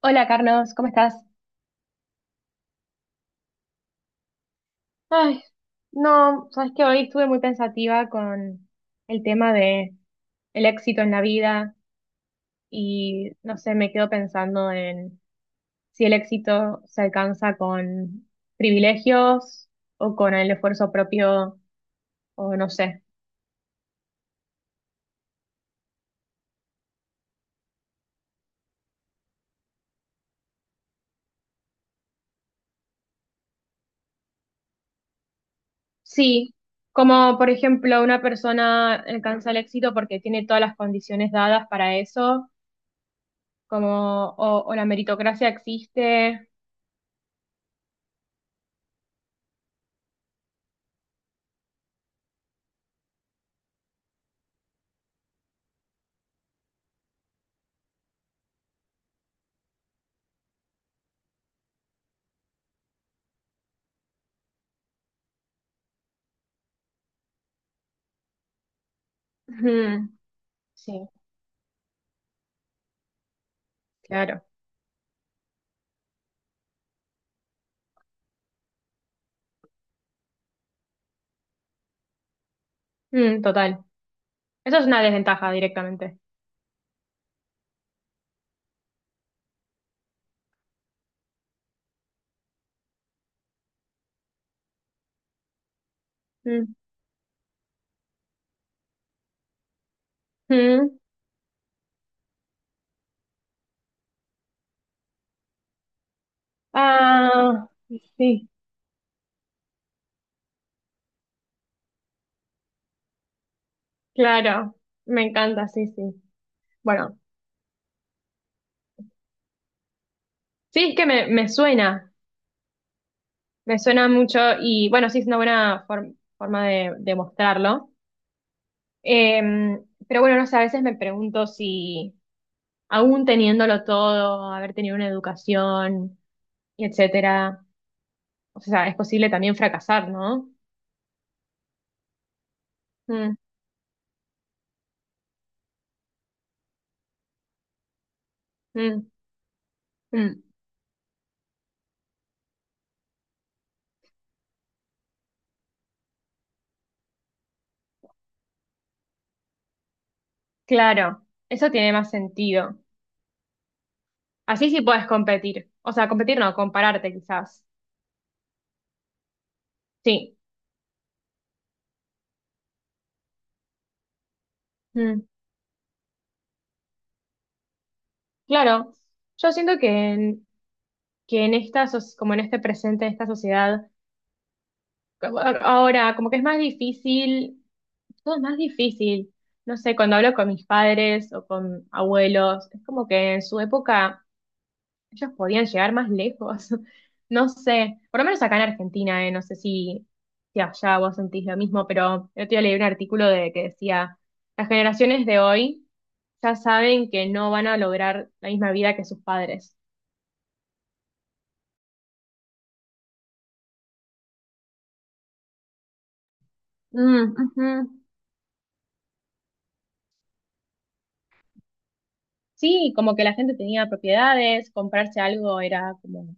Hola Carlos, ¿cómo estás? Ay, no, sabes que hoy estuve muy pensativa con el tema de el éxito en la vida y no sé, me quedo pensando en si el éxito se alcanza con privilegios o con el esfuerzo propio o no sé. Sí, como por ejemplo una persona alcanza el éxito porque tiene todas las condiciones dadas para eso, como o la meritocracia existe. Ujú. Sí, claro. Mm, total. Eso es una desventaja directamente. Mm. Mm. Ah, sí, claro. Me encanta, sí, sí. Bueno, sí, es que me suena. Me suena mucho y bueno, sí, es una buena forma de mostrarlo. Pero bueno, no sé, a veces me pregunto si aún teniéndolo todo, haber tenido una educación, y etcétera, o sea, es posible también fracasar, ¿no? Mm, mm, mm. Claro, eso tiene más sentido. Así sí puedes competir. O sea, competir no, compararte quizás. Sí. Mm, claro. Yo siento que que en esta, como en este presente, en esta sociedad, como ahora como que es más difícil, todo es más difícil. No sé, cuando hablo con mis padres o con abuelos, es como que en su época ellos podían llegar más lejos. No sé, por lo menos acá en Argentina, no sé si, si allá vos sentís lo mismo, pero yo te día leí un artículo de que decía, las generaciones de hoy ya saben que no van a lograr la misma vida que sus padres. Mm, ujú. Sí, como que la gente tenía propiedades, comprarse algo era como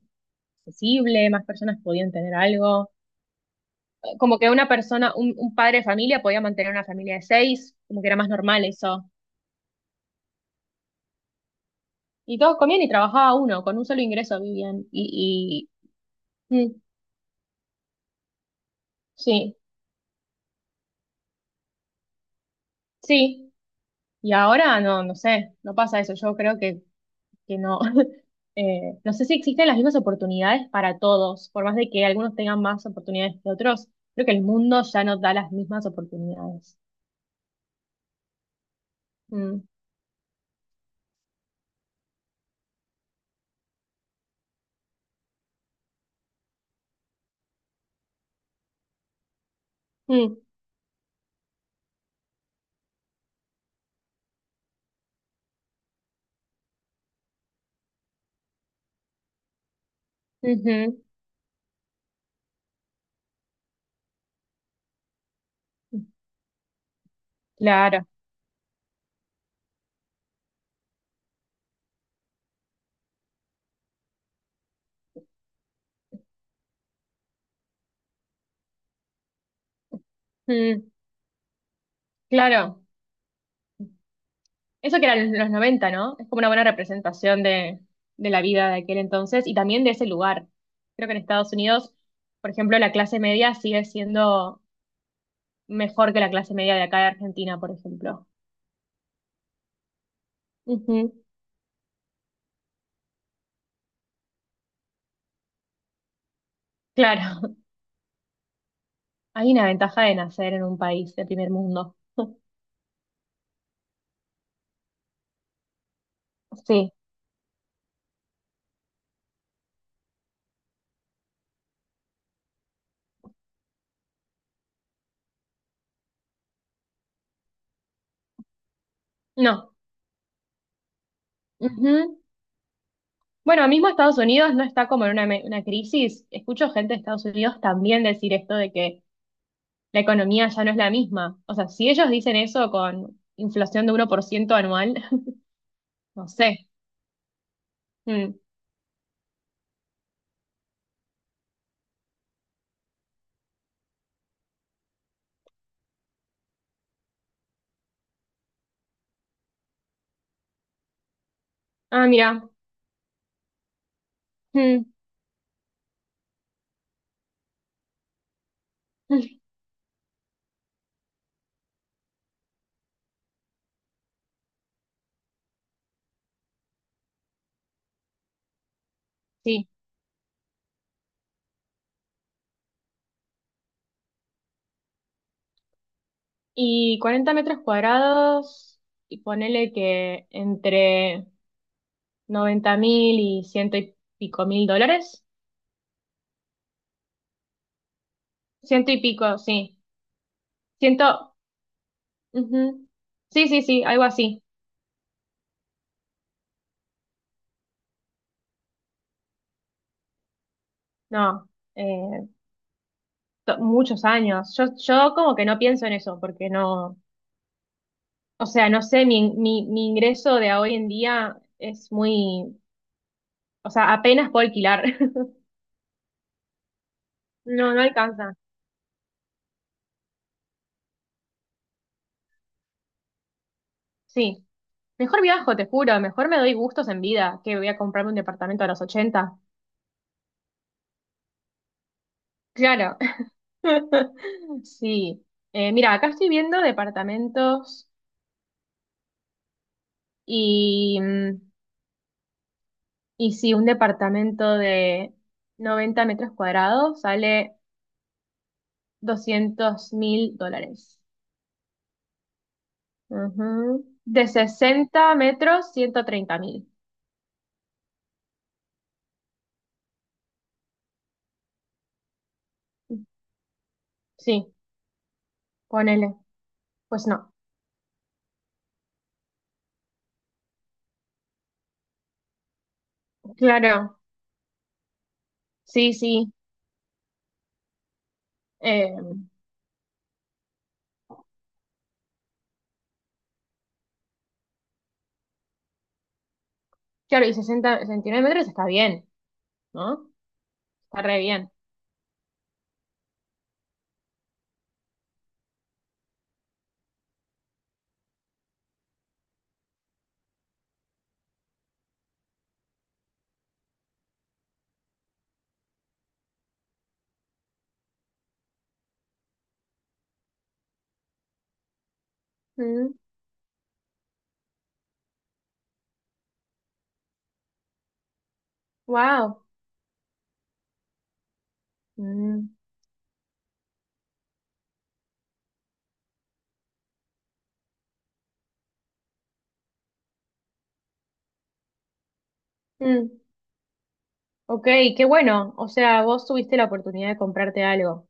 accesible, más personas podían tener algo. Como que una persona, un padre de familia podía mantener una familia de seis, como que era más normal eso. Y todos comían y trabajaba uno, con un solo ingreso vivían. Y mm, sí, sí. Y ahora no, no sé, no pasa eso. Yo creo que no. No sé si existen las mismas oportunidades para todos, por más de que algunos tengan más oportunidades que otros. Creo que el mundo ya no da las mismas oportunidades. Mm, mm, ujú. Claro, mm, claro. Eso que eran los 90, ¿no? Es como una buena representación de la vida de aquel entonces y también de ese lugar. Creo que en Estados Unidos, por ejemplo, la clase media sigue siendo mejor que la clase media de acá de Argentina, por ejemplo. Ujú. Claro, hay una ventaja de nacer en un país de primer mundo. Sí, no. Ujú. Bueno, mismo Estados Unidos no está como en una, una crisis. Escucho gente de Estados Unidos también decir esto de que la economía ya no es la misma. O sea, si ellos dicen eso con inflación de uno por ciento anual, no sé. Mm. Ah, mira. Mm. Sí. Y 40 metros cuadrados, y ponele que entre 90 mil y ciento y pico mil dólares. Ciento y pico, sí. Ciento. Ujú. Sí, sí, sí, algo así. No. eh, muchos años. Yo como que no pienso en eso, porque no. O sea, no sé, mi ingreso de hoy en día es muy, o sea, apenas puedo alquilar. No, no alcanza. Sí. Mejor viajo, te juro, mejor me doy gustos en vida que voy a comprarme un departamento a los ochenta. Claro. Sí. Mira, acá estoy viendo departamentos y, mm, y si un departamento de 90 metros cuadrados sale 200 mil dólares. Ujú. De 60 metros, 130 mil. Sí, ponele. Pues no. Claro, sí, sí. Eh, claro, y 60, 69 metros está bien, ¿no? Está re bien. Wow. Ok, qué bueno. O sea, vos tuviste la oportunidad de comprarte algo.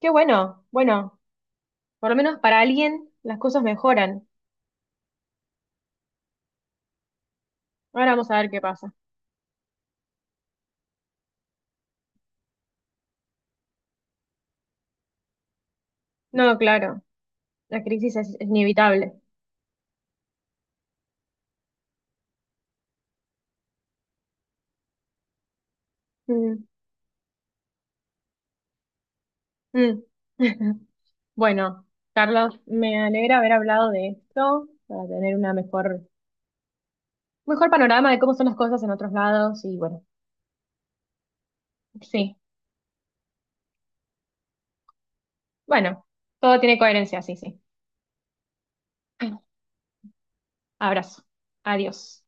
Qué bueno. Bueno, por lo menos para alguien las cosas mejoran. Ahora vamos a ver qué pasa. No, claro, la crisis es inevitable. Mm, mm. Bueno, Carlos, me alegra haber hablado de esto para tener una mejor, mejor panorama de cómo son las cosas en otros lados y bueno, sí, bueno, todo tiene coherencia, sí, sí. Abrazo. Adiós.